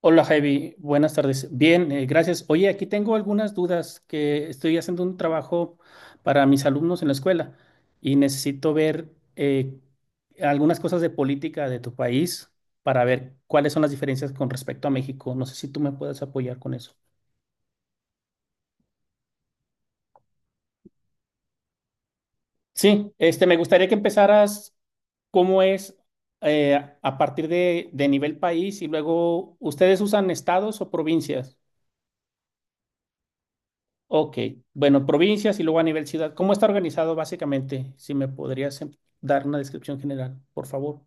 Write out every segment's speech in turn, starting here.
Hola Javi, buenas tardes. Bien, gracias. Oye, aquí tengo algunas dudas que estoy haciendo un trabajo para mis alumnos en la escuela y necesito ver eh, algunas cosas de política de tu país para ver cuáles son las diferencias con respecto a México. No sé si tú me puedes apoyar con eso. Sí, este, me gustaría que empezaras cómo es eh, a partir de nivel país y luego ustedes usan estados o provincias. Ok, bueno, provincias y luego a nivel ciudad. ¿Cómo está organizado básicamente? Si me podrías dar una descripción general, por favor.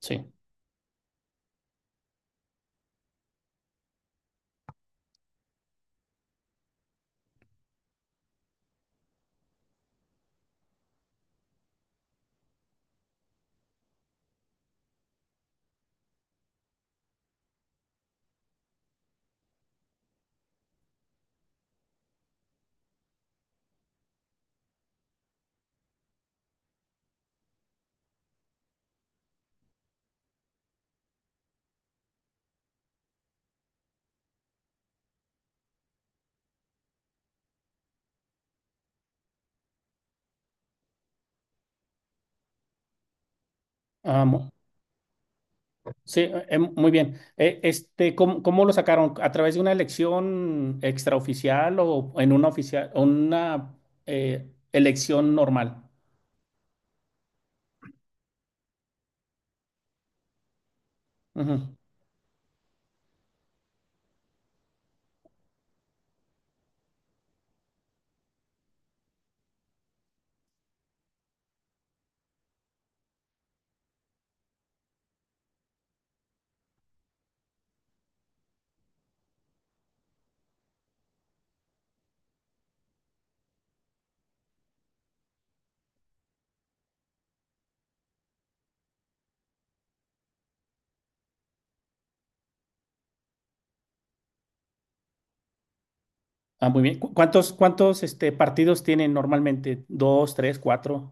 Sí. Ah, sí, muy bien. Este, ¿cómo lo sacaron? ¿A través de una elección extraoficial o en una oficial, una elección normal? Ujú. Ah, muy bien. ¿Cuántos, este, partidos tienen normalmente? ¿Dos, tres, cuatro?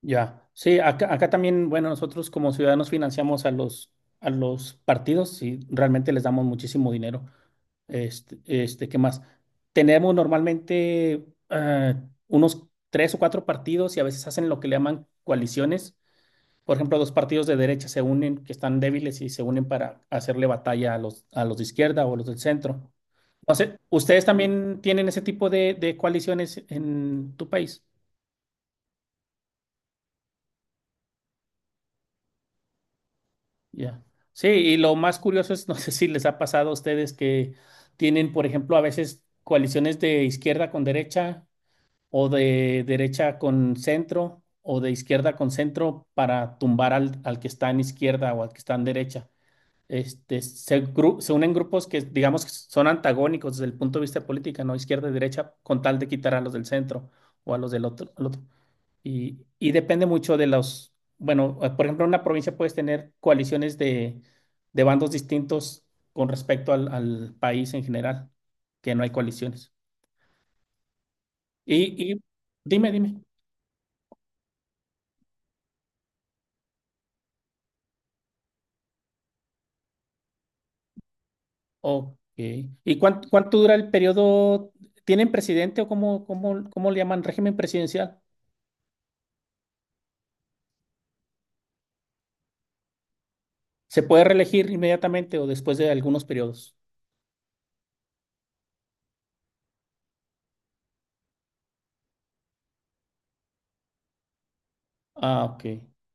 Ya, sí, acá también, bueno, nosotros como ciudadanos financiamos a los, partidos y realmente les damos muchísimo dinero. Este, ¿qué más? Tenemos normalmente unos tres o cuatro partidos y a veces hacen lo que le llaman coaliciones. Por ejemplo, dos partidos de derecha se unen, que están débiles y se unen para hacerle batalla a los, de izquierda o a los del centro. No sé, ¿ustedes también tienen ese tipo de coaliciones en tu país? Ya. Sí, y lo más curioso es, no sé si les ha pasado a ustedes que tienen, por ejemplo, a veces coaliciones de izquierda con derecha o de derecha con centro o de izquierda con centro para tumbar al, que está en izquierda o al que está en derecha. Este, se unen grupos que, digamos, que son antagónicos desde el punto de vista de política, ¿no? Izquierda y derecha, con tal de quitar a los del centro o a los del otro, al otro. Y depende mucho de los, bueno, por ejemplo, en una provincia puedes tener coaliciones de bandos distintos con respecto al, país en general, que no hay coaliciones. Y dime, dime. Ok. ¿Y cuánto dura el periodo? ¿Tienen presidente o cómo le llaman régimen presidencial? ¿Se puede reelegir inmediatamente o después de algunos periodos? Ah, ok.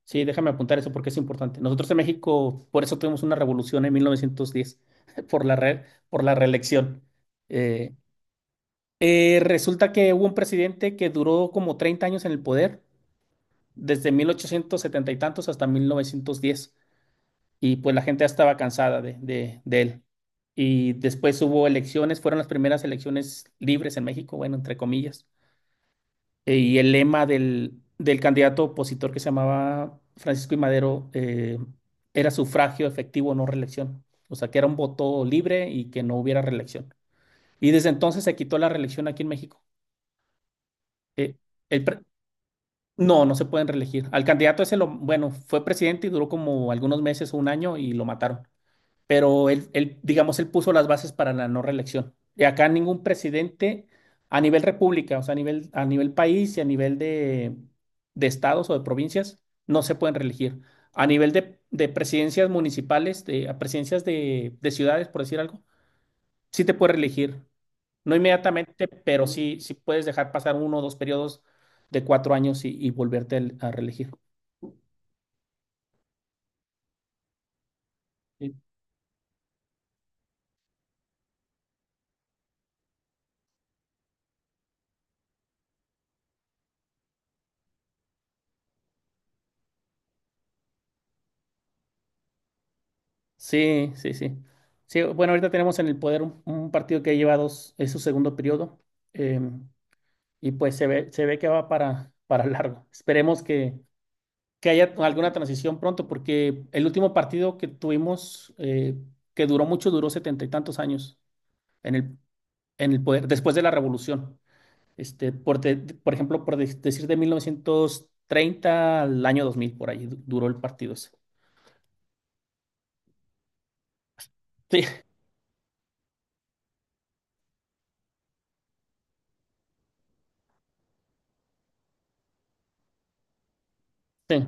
Sí, déjame apuntar eso porque es importante. Nosotros en México, por eso tuvimos una revolución en 1910 por la reelección. Eh, Resulta que hubo un presidente que duró como 30 años en el poder, desde 1870 y tantos hasta 1910, y pues la gente ya estaba cansada de él. Y después hubo elecciones, fueron las primeras elecciones libres en México, bueno, entre comillas. Y el lema del candidato opositor que se llamaba Francisco I. Madero era sufragio efectivo, no reelección. O sea, que era un voto libre y que no hubiera reelección. Y desde entonces se quitó la reelección aquí en México. Eh, el pre- no, no se pueden reelegir. Al candidato ese, bueno, fue presidente y duró como algunos meses o un año y lo mataron pero digamos, él puso las bases para la no reelección. Y acá ningún presidente a nivel república, o sea, a nivel país y a nivel de estados o de provincias, no se pueden reelegir. A nivel de presidencias municipales, a presidencias de ciudades, por decir algo, sí te puedes reelegir. No inmediatamente, pero sí, sí puedes dejar pasar uno o dos periodos de 4 años y volverte a reelegir. Sí, sí, sí. Sí, bueno, ahorita tenemos en el poder un partido que lleva dos, es su segundo periodo, em, y pues se ve, que va para largo. Esperemos que haya alguna transición pronto, porque el último partido que tuvimos, que duró mucho, duró setenta y tantos años en el, poder, después de la revolución. Este, por ejemplo, decir de 1930 al año 2000 por ahí duró el partido ese. Sí, sí,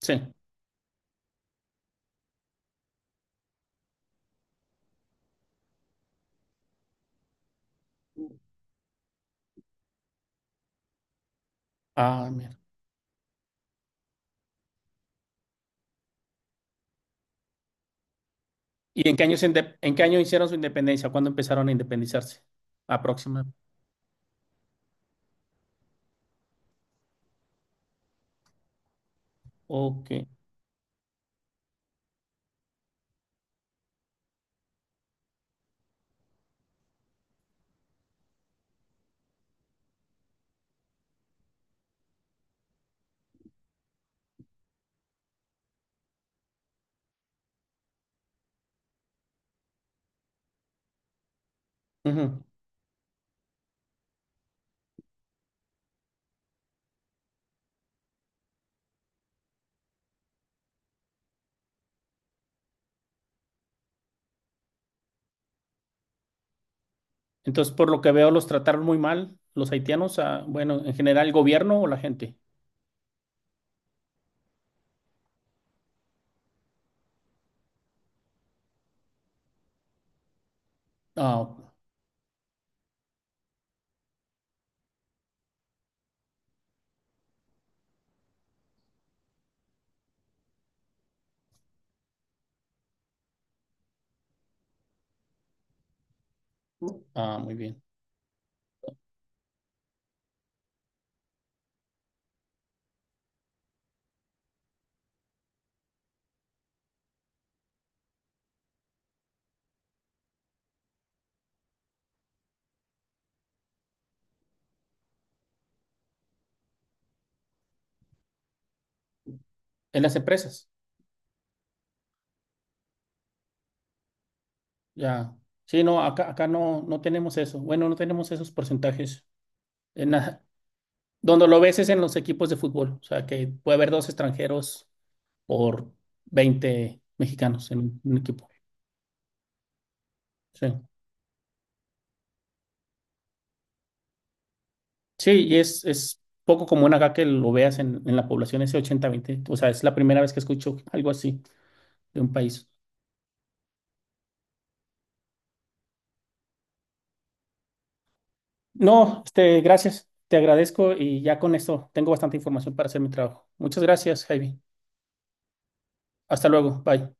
sí. Ah, ¿y en qué año, hicieron su independencia? ¿Cuándo empezaron a independizarse? Aproximadamente. Ok. Ujú. Entonces, por lo que veo, los trataron muy mal los haitianos, bueno, en general, el gobierno o la gente. Ah, ok. Ah, muy bien. En las empresas, ya. Sí, no, acá no, no tenemos eso. Bueno, no tenemos esos porcentajes. En la- Donde lo ves es en los equipos de fútbol. O sea, que puede haber dos extranjeros por 20 mexicanos en un equipo. Sí. Sí, y es poco común acá que lo veas en la población ese 80-20. O sea, es la primera vez que escucho algo así de un país. No, este, gracias, te agradezco y ya con esto tengo bastante información para hacer mi trabajo. Muchas gracias, Javi. Hasta luego, bye.